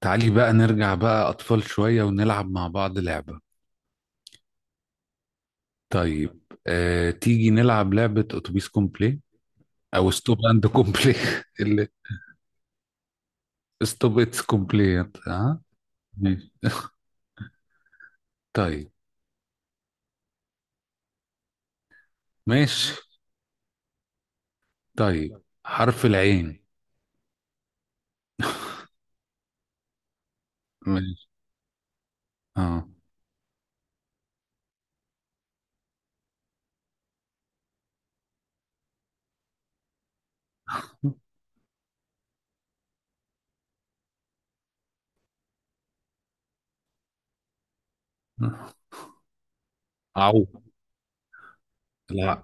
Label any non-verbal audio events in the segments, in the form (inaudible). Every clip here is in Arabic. تعالي بقى نرجع بقى أطفال شوية ونلعب مع بعض لعبة. طيب. تيجي نلعب لعبة أتوبيس كومبلي أو ستوب أند كومبلي (laughs) اللي ستوب إتس كومبلي ها. ماشي. طيب. ماشي. طيب حرف العين. ماشي. اه عو. لا،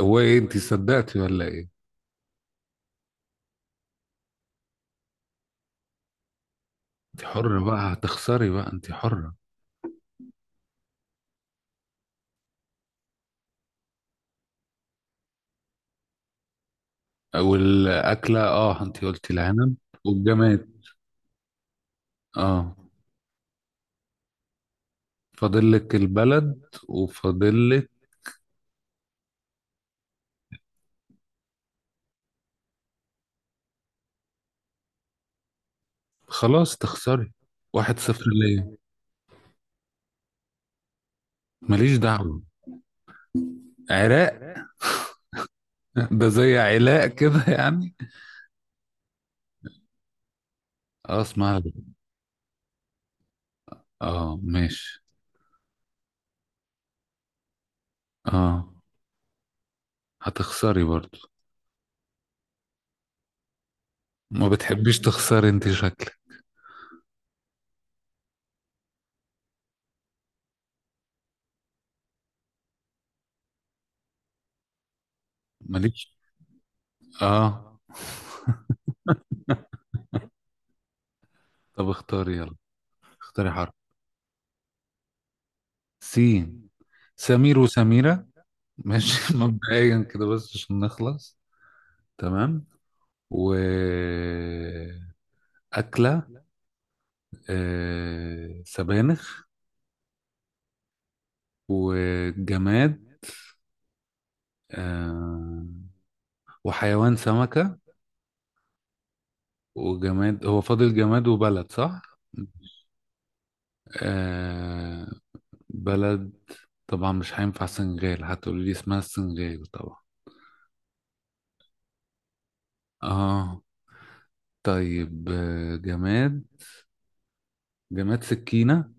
هو ايه، انت صدقتي ولا ايه؟ انت حرة بقى، هتخسري بقى، انت حرة. والأكلة اه، انت قلتي العنب. والجماد اه. فاضل لك البلد وفاضل لك. خلاص تخسري. 1-0 ليا. ماليش دعوة. عراق. ده زي علاء كده يعني. اه اسمع. اه ماشي. اه هتخسري برضو. ما بتحبيش تخسري انت شكلك. ماليش. اه. طب اختاري يلا، اختاري حرف. سين. سمير وسميرة. ماشي (laughs) مبدئيا كده بس عشان نخلص. تمام. و أكلة سبانخ. وجماد آه. وحيوان سمكة. وجماد، هو فاضل جماد وبلد صح؟ آه بلد. طبعا مش هينفع سنغال، هتقولي لي اسمها السنغال طبعا. اه. طيب جماد، جماد سكينة.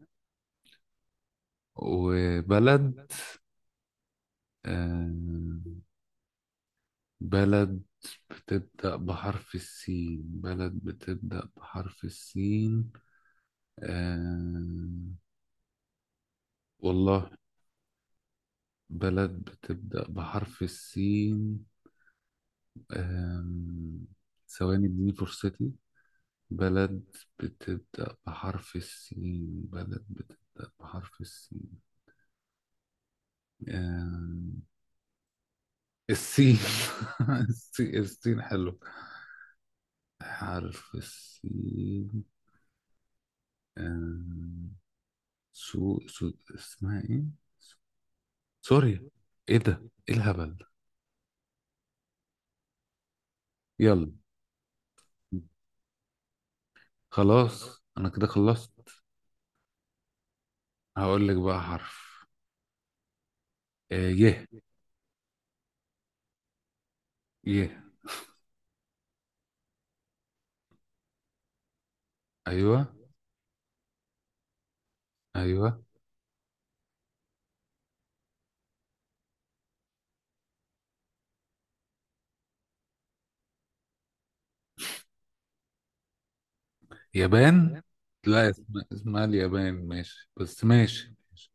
وبلد آه. بلد بتبدأ بحرف السين، بلد بتبدأ بحرف السين آه، والله. بلد بتبدأ بحرف السين. أم... ثواني اديني فرصتي. بلد بتبدأ بحرف السين، بلد بتبدأ بحرف السين. أم... السين. (laughs) السين السين حلو. حرف السين. أم... سو... سو اسمها ايه، سوريا. ايه ده، ايه الهبل. يلا. خلاص انا كده خلصت. هقول لك بقى حرف. آه يه. يه. ايوه. ايوه. يابان. لا، اسمها اليابان، ماشي بس ماشي ماشي.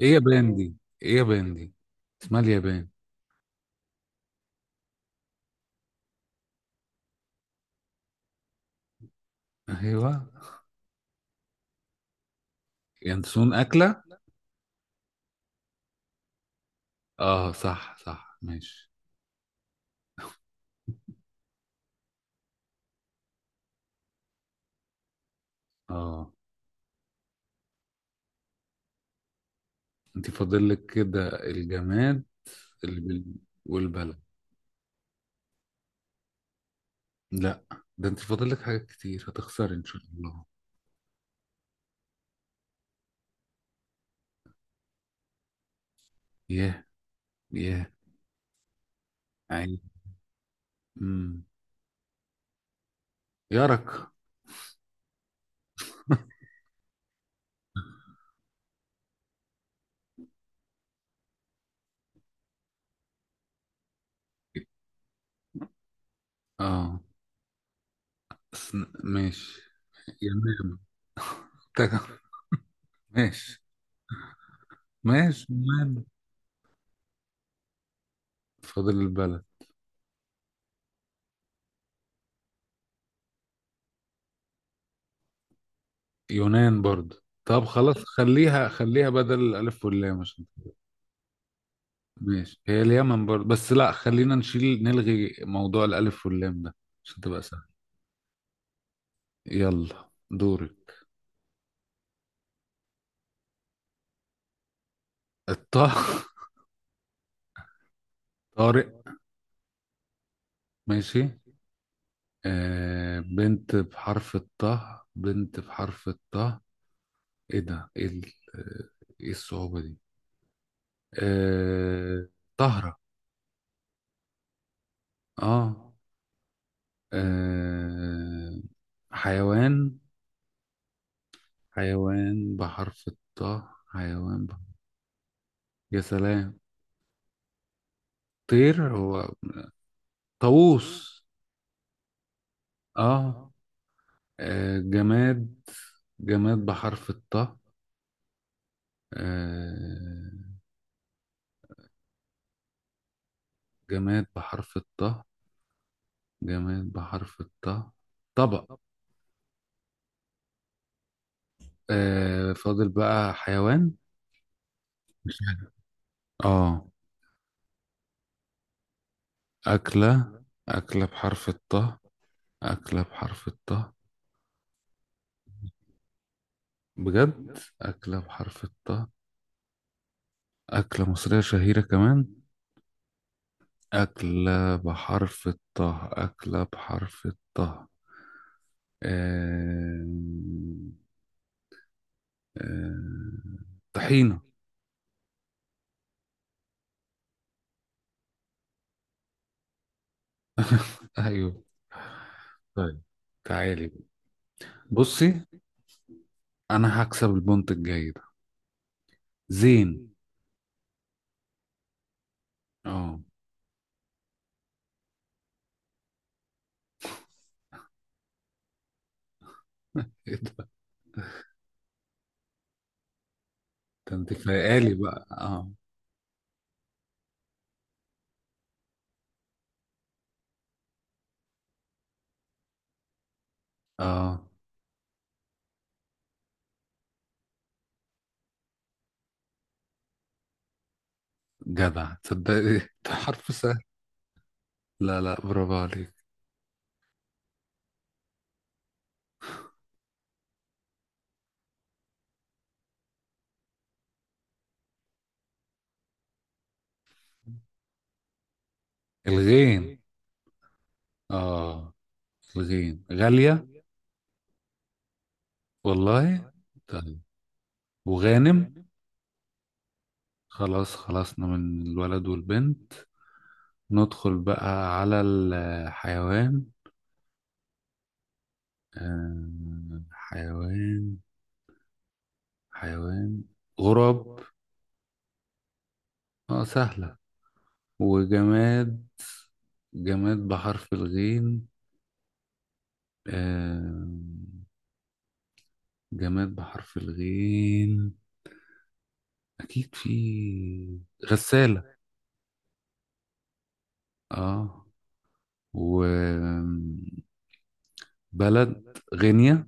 ايه يابان دي، ايه يابان دي، اسمها اليابان. ايوه. ينسون اكله؟ اه صح صح ماشي. اه. انت فاضل لك كده الجماد اللي بال... والبلد. لا، ده انت فاضل لك حاجات كتير، هتخسري ان شاء الله. ياه. ياه. عيب. امم. يارك (laughs) اه سن- ماشي. يمام (laughs) ماشي. ماشي يونان. فاضل البلد. يونان برضه، طب خلاص، خليها خليها بدل الألف واللام عشان كده. ماشي، هي اليمن برضه، بس لا، خلينا نشيل نلغي موضوع الألف واللام ده عشان تبقى سهل. يلا دوري. الطه (laughs) طارق. ماشي. بنت بحرف الطه، بنت بحرف الطه. ايه ده، ايه ال-، ايه الصعوبة دي. آه طهرة. اه. آه، حيوان، حيوان بحرف الطاء، حيوان بحرف. يا سلام. طير هو طاووس. اه. جماد، جماد بحرف الطاء آه، جماد بحرف الطاء، جماد بحرف الطاء. طبق. آه فاضل بقى حيوان. مش عارف. اه. أكلة، أكلة بحرف الطاء، أكلة بحرف الطاء. بجد أكلة بحرف الطاء. أكلة مصرية شهيرة كمان. أكلة بحرف الطه، أكلة بحرف الطه. آم، آم، طحينة. أيوه. طيب. تعالي بقى. بصي. أنا هكسب البونت الجاي ده. زين. اه. ايه ده، ده انت فايقالي بقى، اه اه. جدع تصدقي. ده حرف سهل. لا لا، برافو عليك. الغين. اه. الغين غالية. والله. طيب. وغانم. خلاص خلصنا من الولد والبنت. ندخل بقى على الحيوان. حيوان، حيوان غراب. اه سهلة. وجماد، جماد بحرف الغين آه، جماد بحرف الغين. أكيد في. غسالة. اه. وبلد. غينيا.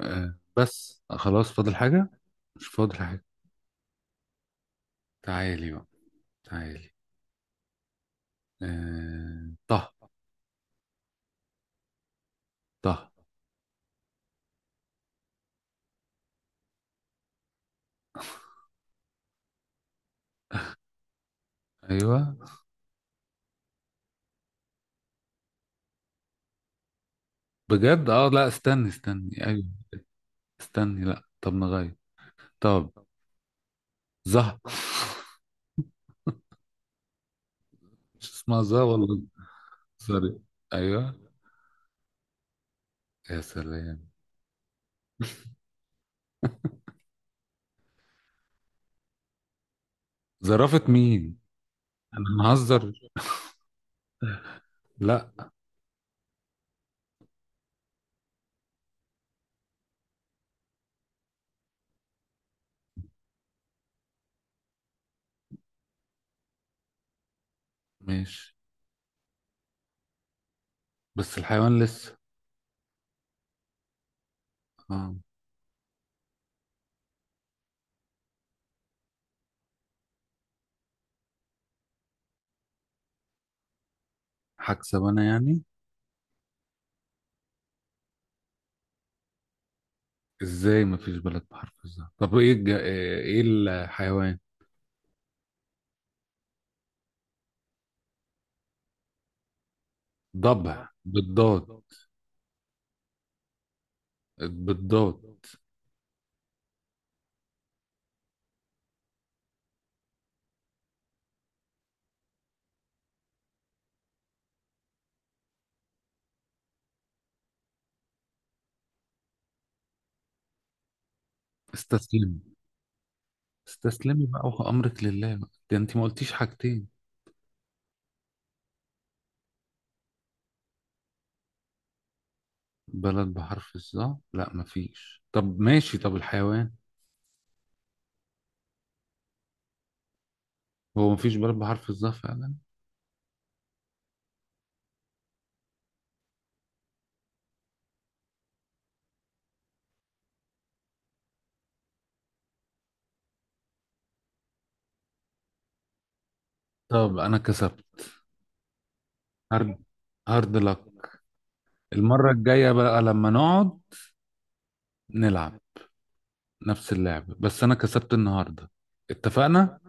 بس خلاص، فاضل حاجة؟ مش فاضل حاجة. تعالي بقى. تعالي. طه. طه. ايوه. بجد اه، لا استني استني ايوه. استني، لا، طب نغير. طب. زه (laughs) مش اسمها زه والله. سوري. ايوه. يا سلام. زرافة مين. انا مهزر. لا. ماشي بس الحيوان لسه. اه هكسب انا يعني. ازاي مفيش بلد بحرف الزه، طب ايه الج...، ايه الحيوان. ضبع بالضاد. بالضاد. استسلم. استسلمي بقى وأمرك لله بقى، ده انت ما قلتيش حاجتين. بلد بحرف الظا، لا مفيش، طب ماشي طب الحيوان. هو مفيش بلد بحرف الظا فعلا. طب انا كسبت. هارد. هارد لك. المرة الجاية بقى لما نقعد نلعب نفس اللعبة، بس انا كسبت النهاردة. اتفقنا.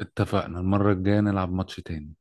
اتفقنا المرة الجاية نلعب ماتش تاني.